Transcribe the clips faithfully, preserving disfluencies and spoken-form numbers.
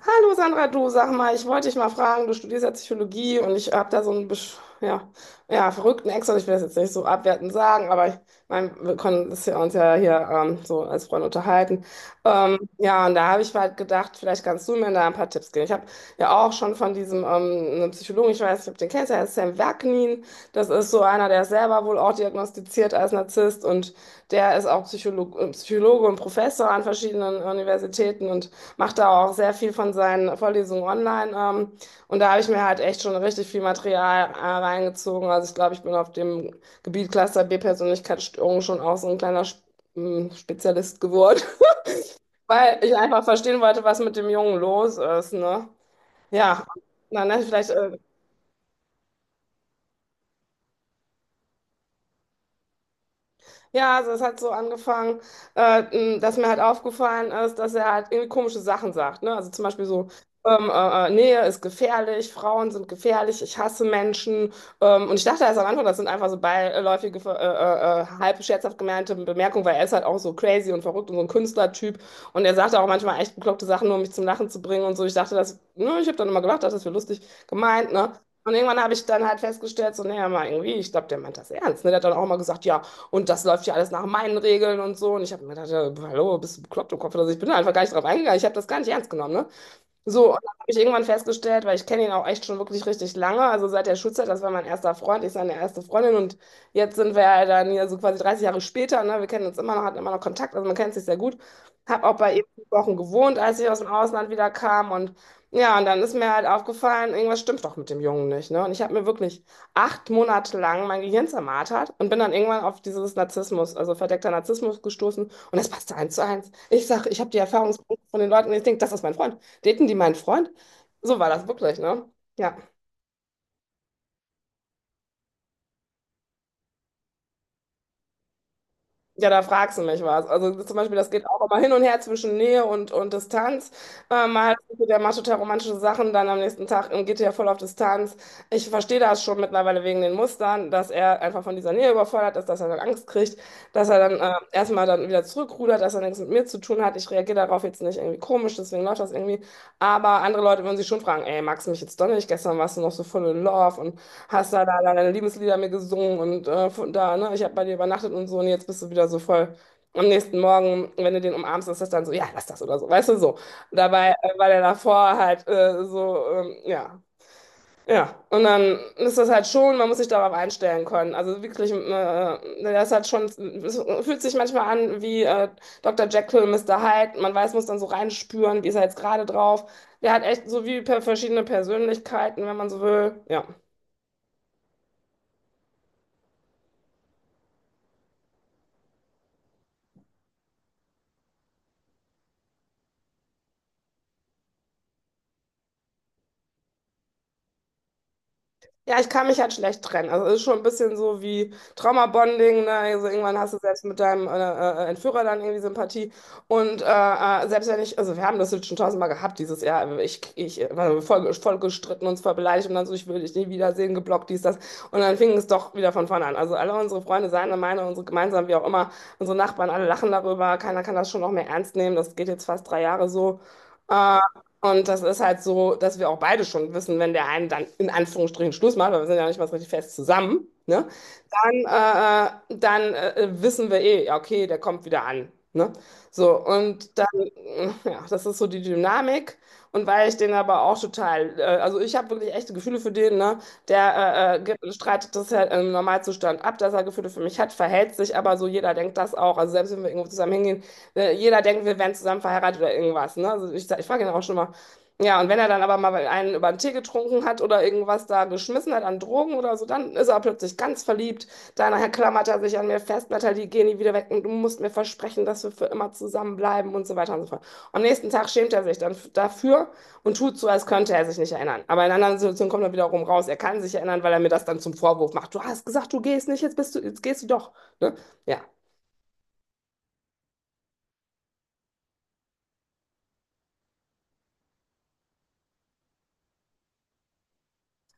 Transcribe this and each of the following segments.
Hallo Sandra, du sag mal, ich wollte dich mal fragen, du studierst ja Psychologie und ich habe da so einen besch- ja, ja, verrückten Ex, und ich will das jetzt nicht so abwertend sagen, aber ich mein, wir können das ja uns ja hier ähm, so als Freunde unterhalten. Ähm, ja, und da habe ich halt gedacht, vielleicht kannst du mir da ein paar Tipps geben. Ich habe ja auch schon von diesem ähm, einem Psychologen, ich weiß nicht, ob du den kennst, der heißt Sam Vaknin. Das ist so einer, der ist selber wohl auch diagnostiziert als Narzisst und der ist auch Psycholo äh, Psychologe und Professor an verschiedenen Universitäten und macht da auch sehr viel von seinen Vorlesungen online. Ähm, und da habe ich mir halt echt schon richtig viel Material äh, reingezogen. Also ich glaube, ich bin auf dem Gebiet Cluster B Persönlichkeitsstörung schon auch so ein kleiner Sp- m, Spezialist geworden, weil ich einfach verstehen wollte, was mit dem Jungen los ist, ne? Ja, na, ne, vielleicht, äh, Ja, also es hat so angefangen, äh, m, dass mir halt aufgefallen ist, dass er halt irgendwie komische Sachen sagt. Ne? Also zum Beispiel so, ähm, äh, äh, Nähe ist gefährlich, Frauen sind gefährlich, ich hasse Menschen. Ähm, und ich dachte erst am Anfang, das sind einfach so beiläufige, äh, äh, äh, halb scherzhaft gemeinte Bemerkungen, weil er ist halt auch so crazy und verrückt und so ein Künstlertyp. Und er sagt auch manchmal echt bekloppte Sachen, nur um mich zum Lachen zu bringen und so. Ich dachte, das, ne, ich habe dann immer gedacht, das wäre lustig gemeint, ne? Und irgendwann habe ich dann halt festgestellt, so, naja, mal irgendwie, ich glaube, der meint das ernst. Ne? Der hat dann auch mal gesagt, ja, und das läuft ja alles nach meinen Regeln und so. Und ich habe mir gedacht, ja, hallo, bist du bekloppt im Kopf oder so? Ich bin da einfach gar nicht drauf eingegangen. Ich habe das gar nicht ernst genommen, ne? So, und dann habe ich irgendwann festgestellt, weil ich kenne ihn auch echt schon wirklich richtig lange, also seit der Schulzeit, das war mein erster Freund, ich seine erste Freundin und jetzt sind wir ja dann hier so quasi dreißig Jahre später, ne? Wir kennen uns immer noch, hatten immer noch Kontakt, also man kennt sich sehr gut. Habe auch bei ihm fünf Wochen gewohnt, als ich aus dem Ausland wieder kam und ja, und dann ist mir halt aufgefallen, irgendwas stimmt doch mit dem Jungen nicht, ne? Und ich habe mir wirklich acht Monate lang mein Gehirn zermartert und bin dann irgendwann auf dieses Narzissmus, also verdeckter Narzissmus gestoßen und das passte eins zu eins. Ich sage, ich habe die Erfahrungsberichte von den Leuten und ich denke, das ist mein Freund. Daten die meinen Freund? So war das wirklich, ne? Ja. Ja, da fragst du mich was. Also zum Beispiel, das geht auch immer hin und her zwischen Nähe und, und Distanz. Äh, mal, der macht total romantische Sachen, dann am nächsten Tag ähm, geht er voll auf Distanz. Ich verstehe das schon mittlerweile wegen den Mustern, dass er einfach von dieser Nähe überfordert ist, dass er dann Angst kriegt, dass er dann äh, erstmal dann wieder zurückrudert, dass er nichts mit mir zu tun hat. Ich reagiere darauf jetzt nicht irgendwie komisch, deswegen läuft das irgendwie. Aber andere Leute würden sich schon fragen, ey, magst du mich jetzt doch nicht? Gestern warst du noch so voll in Love und hast da, da, deine Liebeslieder mir gesungen und äh, von da, ne, ich habe bei dir übernachtet und so und jetzt bist du wieder so voll. Am nächsten Morgen, wenn du den umarmst, ist das dann so, ja, lass das oder so, weißt du, so. Dabei äh, war der davor halt äh, so, ähm, ja. Ja, und dann ist das halt schon, man muss sich darauf einstellen können. Also wirklich, äh, das hat schon, es fühlt sich manchmal an wie äh, Doktor Jekyll, Mister Hyde. Man weiß, muss dann so reinspüren, wie ist er jetzt gerade drauf. Der hat echt so wie per verschiedene Persönlichkeiten, wenn man so will. Ja. Ja, ich kann mich halt schlecht trennen. Also es ist schon ein bisschen so wie Trauma-Bonding, ne? Also irgendwann hast du selbst mit deinem äh, äh, Entführer dann irgendwie Sympathie. Und äh, äh, selbst wenn ich, also wir haben das jetzt schon tausendmal gehabt dieses Jahr, ich, ich äh, war voll, voll gestritten, uns voll beleidigt und dann so, ich will dich nie wiedersehen, geblockt, dies, das. Und dann fing es doch wieder von vorne an. Also alle unsere Freunde, seine, meine, unsere gemeinsam, wie auch immer, unsere Nachbarn, alle lachen darüber, keiner kann das schon noch mehr ernst nehmen. Das geht jetzt fast drei Jahre so. Äh, und das ist halt so, dass wir auch beide schon wissen, wenn der eine dann in Anführungsstrichen Schluss macht, weil wir sind ja nicht mal so richtig fest zusammen, ne? Dann, äh, äh, dann äh, wissen wir eh, ja, okay, der kommt wieder an. Ne? So, und dann, äh, ja, das ist so die Dynamik. Und weil ich den aber auch total, äh, also ich habe wirklich echte Gefühle für den, ne? Der äh, äh, ge- streitet das ja im Normalzustand ab, dass er Gefühle für mich hat, verhält sich aber so, jeder denkt das auch. Also selbst wenn wir irgendwo zusammen hingehen, äh, Jeder denkt, wir wären zusammen verheiratet oder irgendwas. Ne? Also ich, sag- ich frage ihn auch schon mal, ja, und wenn er dann aber mal einen über den Tee getrunken hat oder irgendwas da geschmissen hat an Drogen oder so, dann ist er plötzlich ganz verliebt. Danach klammert er sich an mir fest, Natalie, geh nie wieder weg und du musst mir versprechen, dass wir für immer zusammenbleiben und so weiter und so fort. Am nächsten Tag schämt er sich dann f- dafür und tut so, als könnte er sich nicht erinnern. Aber in anderen Situationen kommt er wiederum raus. Er kann sich erinnern, weil er mir das dann zum Vorwurf macht. Du hast gesagt, du gehst nicht, jetzt bist du, jetzt gehst du doch. Ne? Ja.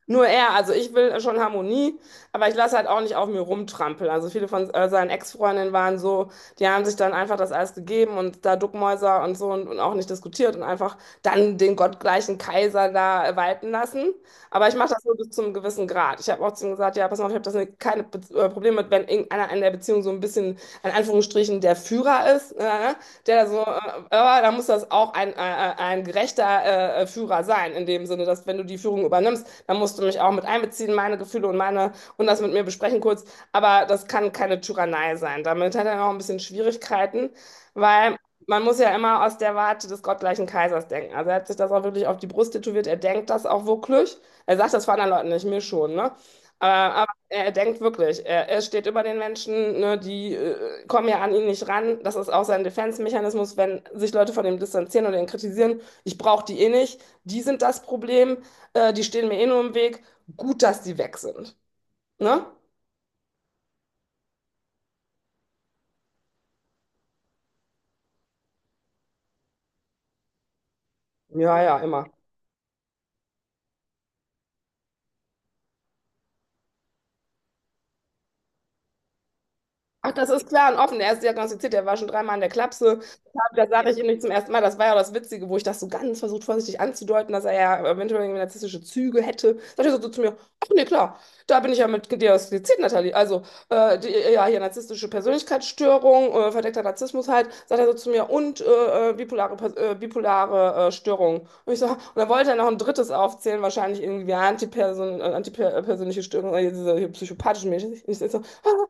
Nur er, also ich will schon Harmonie, aber ich lasse halt auch nicht auf mir rumtrampeln. Also viele von äh, seinen Ex-Freundinnen waren so, die haben sich dann einfach das alles gegeben und da Duckmäuser und so und, und auch nicht diskutiert und einfach dann den gottgleichen Kaiser da walten lassen. Aber ich mache das nur bis zu einem gewissen Grad. Ich habe auch zu ihm gesagt, ja, pass mal auf, ich habe das ne- keine Be äh, Probleme mit, wenn irgendeiner in der Beziehung so ein bisschen, in Anführungsstrichen, der Führer ist, äh, der da so, äh, aber da muss das auch ein, äh, äh, ein gerechter äh, äh, Führer sein, in dem Sinne, dass wenn du die Führung übernimmst, dann musst du mich auch mit einbeziehen, meine Gefühle und meine, und das mit mir besprechen kurz. Aber das kann keine Tyrannei sein. Damit hat er auch ein bisschen Schwierigkeiten, weil man muss ja immer aus der Warte des gottgleichen Kaisers denken. Also er hat sich das auch wirklich auf die Brust tätowiert, er denkt das auch wirklich. Er sagt das vor anderen Leuten nicht, mir schon, ne? Aber, aber er denkt wirklich, er, er steht über den Menschen, ne, die äh, kommen ja an ihn nicht ran. Das ist auch sein Defense-Mechanismus, wenn sich Leute von ihm distanzieren oder ihn kritisieren. Ich brauche die eh nicht, die sind das Problem, äh, die stehen mir eh nur im Weg. Gut, dass die weg sind. Ne? Ja, ja, immer. Ach, das ist klar und offen. Der ist diagnostiziert, der war schon dreimal in der Klapse. Deshalb, Das sage ich ihm nicht zum ersten Mal. Das war ja auch das Witzige, wo ich das so ganz versucht, vorsichtig anzudeuten, dass er ja eventuell irgendwie narzisstische Züge hätte. Sagt er so zu mir: Ach nee, klar, da bin ich ja mit diagnostiziert, Nathalie. Also, äh, die, ja, hier narzisstische Persönlichkeitsstörung, äh, verdeckter Narzissmus halt. Sagt er so zu mir: Und äh, äh, bipolare, Pers- äh, bipolare äh, Störung. Und ich so, und dann wollte er noch ein drittes aufzählen, wahrscheinlich irgendwie Antiperson, äh, antipersönliche Störung, äh, diese hier psychopathischen Menschen. Ich so, ah,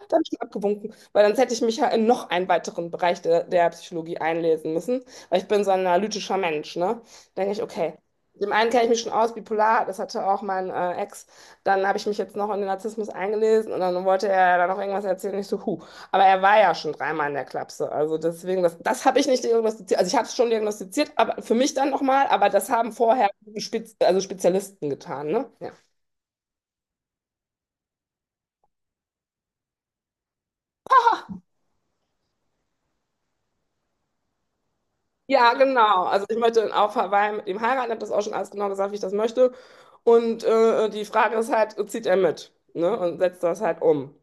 da habe ich schon abgewunken, weil sonst hätte ich mich ja in noch einen weiteren Bereich der, der Psychologie einlesen müssen, weil ich bin so ein analytischer Mensch, ne? Denke ich, okay. Dem einen kenne ich mich schon aus, bipolar, das hatte auch mein äh, Ex. Dann habe ich mich jetzt noch in den Narzissmus eingelesen und dann wollte er da noch irgendwas erzählen. Ich so, huh. Aber er war ja schon dreimal in der Klapse. Also deswegen, das, das habe ich nicht diagnostiziert. Also ich habe es schon diagnostiziert, aber für mich dann nochmal, aber das haben vorher Spez, also Spezialisten getan, ne? Ja. Ja, genau. Also ich möchte auf Hawaii mit ihm heiraten, habe das auch schon alles genau gesagt, wie ich das möchte. Und äh, die Frage ist halt, zieht er mit, ne? Und setzt das halt um.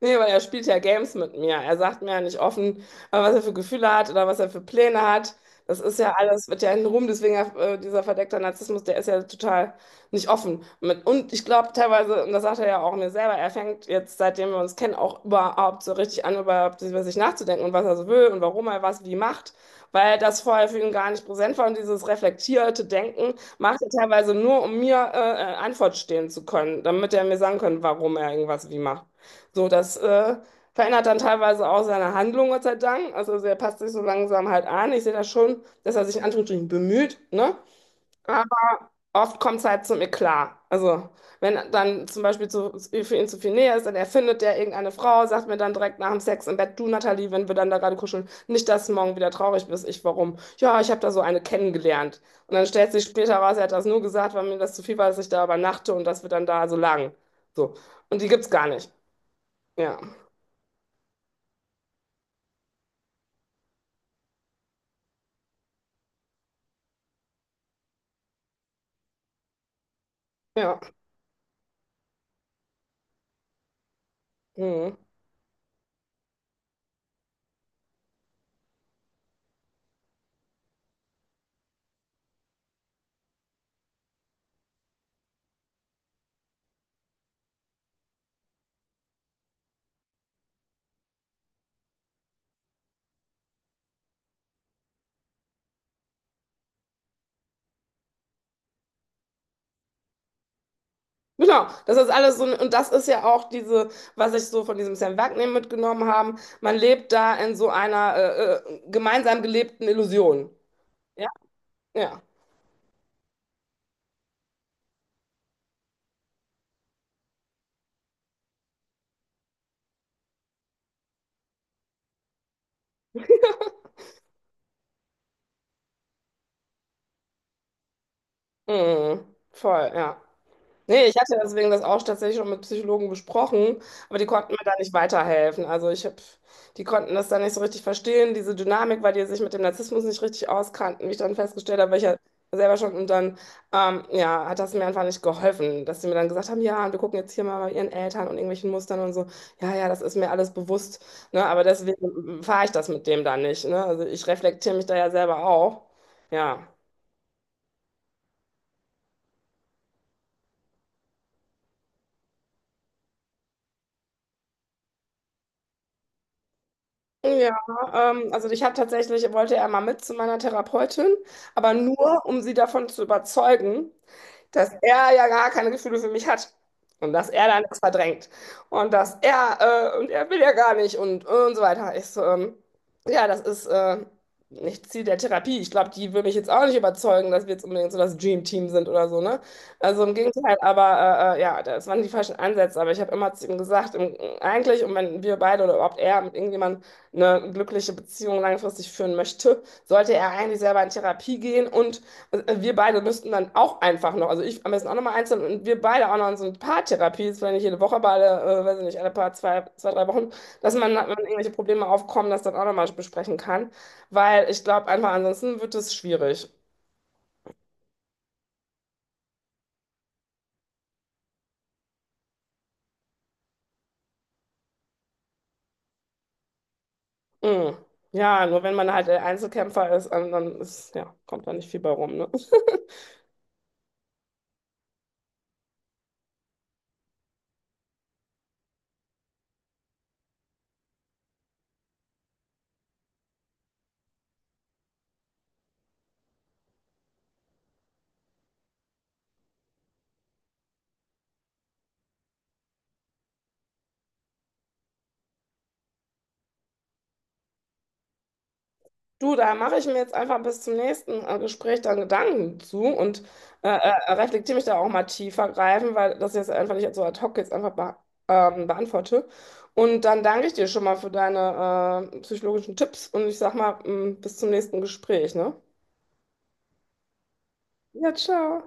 Nee, weil er spielt ja Games mit mir. Er sagt mir ja nicht offen, äh, was er für Gefühle hat oder was er für Pläne hat. Das ist ja alles, wird ja in rum. Deswegen äh, dieser verdeckte Narzissmus, der ist ja total nicht offen. Mit, und ich glaube teilweise, und das sagt er ja auch mir selber, er fängt jetzt, seitdem wir uns kennen, auch überhaupt so richtig an, überhaupt über sich nachzudenken und was er so will und warum er was wie macht, weil das vorher für ihn gar nicht präsent war, und dieses reflektierte Denken macht er teilweise nur, um mir äh, äh, Antwort stehen zu können, damit er mir sagen kann, warum er irgendwas wie macht. So, das äh, verändert dann teilweise auch seine Handlung, Gott sei Dank. Also er passt sich so langsam halt an. Ich sehe das schon, dass er sich in Anführungsstrichen bemüht, ne? Aber oft kommt es halt zum Eklat. Also wenn dann zum Beispiel zu, für ihn zu viel Nähe ist, dann erfindet der irgendeine Frau, sagt mir dann direkt nach dem Sex im Bett: Du Nathalie, wenn wir dann da gerade kuscheln, nicht, dass du morgen wieder traurig bist. Ich, warum? Ja, ich habe da so eine kennengelernt. Und dann stellt sich später raus, er hat das nur gesagt, weil mir das zu viel war, dass ich da übernachte und dass wir dann da so lagen. So. Und die gibt's gar nicht. Ja. Ja. Mhm. Genau, das ist alles so, und das ist ja auch diese, was ich so von diesem Sam Wagner mitgenommen habe. Man lebt da in so einer äh, äh, gemeinsam gelebten Illusion. Ja, ja. Mhm. Voll, ja. Nee, ich hatte deswegen das auch tatsächlich schon mit Psychologen besprochen, aber die konnten mir da nicht weiterhelfen. Also ich hab, die konnten das da nicht so richtig verstehen, diese Dynamik, weil die sich mit dem Narzissmus nicht richtig auskannten, wie ich dann festgestellt habe, weil ich ja selber schon und dann, ähm, ja, hat das mir einfach nicht geholfen, dass sie mir dann gesagt haben, ja, und wir gucken jetzt hier mal bei ihren Eltern und irgendwelchen Mustern und so, ja, ja, das ist mir alles bewusst, ne, aber deswegen fahre ich das mit dem da nicht, ne, also ich reflektiere mich da ja selber auch, ja. Ja, ähm, also ich habe tatsächlich, wollte er mal mit zu meiner Therapeutin, aber nur, um sie davon zu überzeugen, dass er ja gar keine Gefühle für mich hat und dass er da nichts verdrängt und dass er, äh, und er will ja gar nicht, und, und so weiter. Ich so, ähm, ja, das ist äh, nicht Ziel der Therapie. Ich glaube, die will mich jetzt auch nicht überzeugen, dass wir jetzt unbedingt so das Dream Team sind oder so, ne? Also im Gegenteil, aber äh, äh, ja, das waren die falschen Ansätze. Aber ich habe immer zu ihm gesagt, im, eigentlich, und wenn wir beide oder überhaupt er mit irgendjemandem eine glückliche Beziehung langfristig führen möchte, sollte er eigentlich selber in Therapie gehen, und äh, wir beide müssten dann auch einfach noch, also ich am besten auch nochmal einzeln und wir beide auch noch in so eine Paartherapie, ist vielleicht nicht jede Woche, aber alle, äh, weiß ich nicht, alle paar, zwei, zwei, drei Wochen, dass man, wenn irgendwelche Probleme aufkommen, das dann auch nochmal besprechen kann, weil ich glaube einfach, ansonsten wird es schwierig. Mm. Ja, nur wenn man halt der Einzelkämpfer ist, dann dann ist, ja, kommt da nicht viel bei rum, ne? Du, da mache ich mir jetzt einfach bis zum nächsten äh, Gespräch dann Gedanken zu und äh, äh, reflektiere mich da auch mal tiefer greifen, weil das jetzt einfach nicht so ad hoc jetzt einfach be ähm, beantworte. Und dann danke ich dir schon mal für deine äh, psychologischen Tipps und ich sag mal, mm, bis zum nächsten Gespräch, ne? Ja, ciao.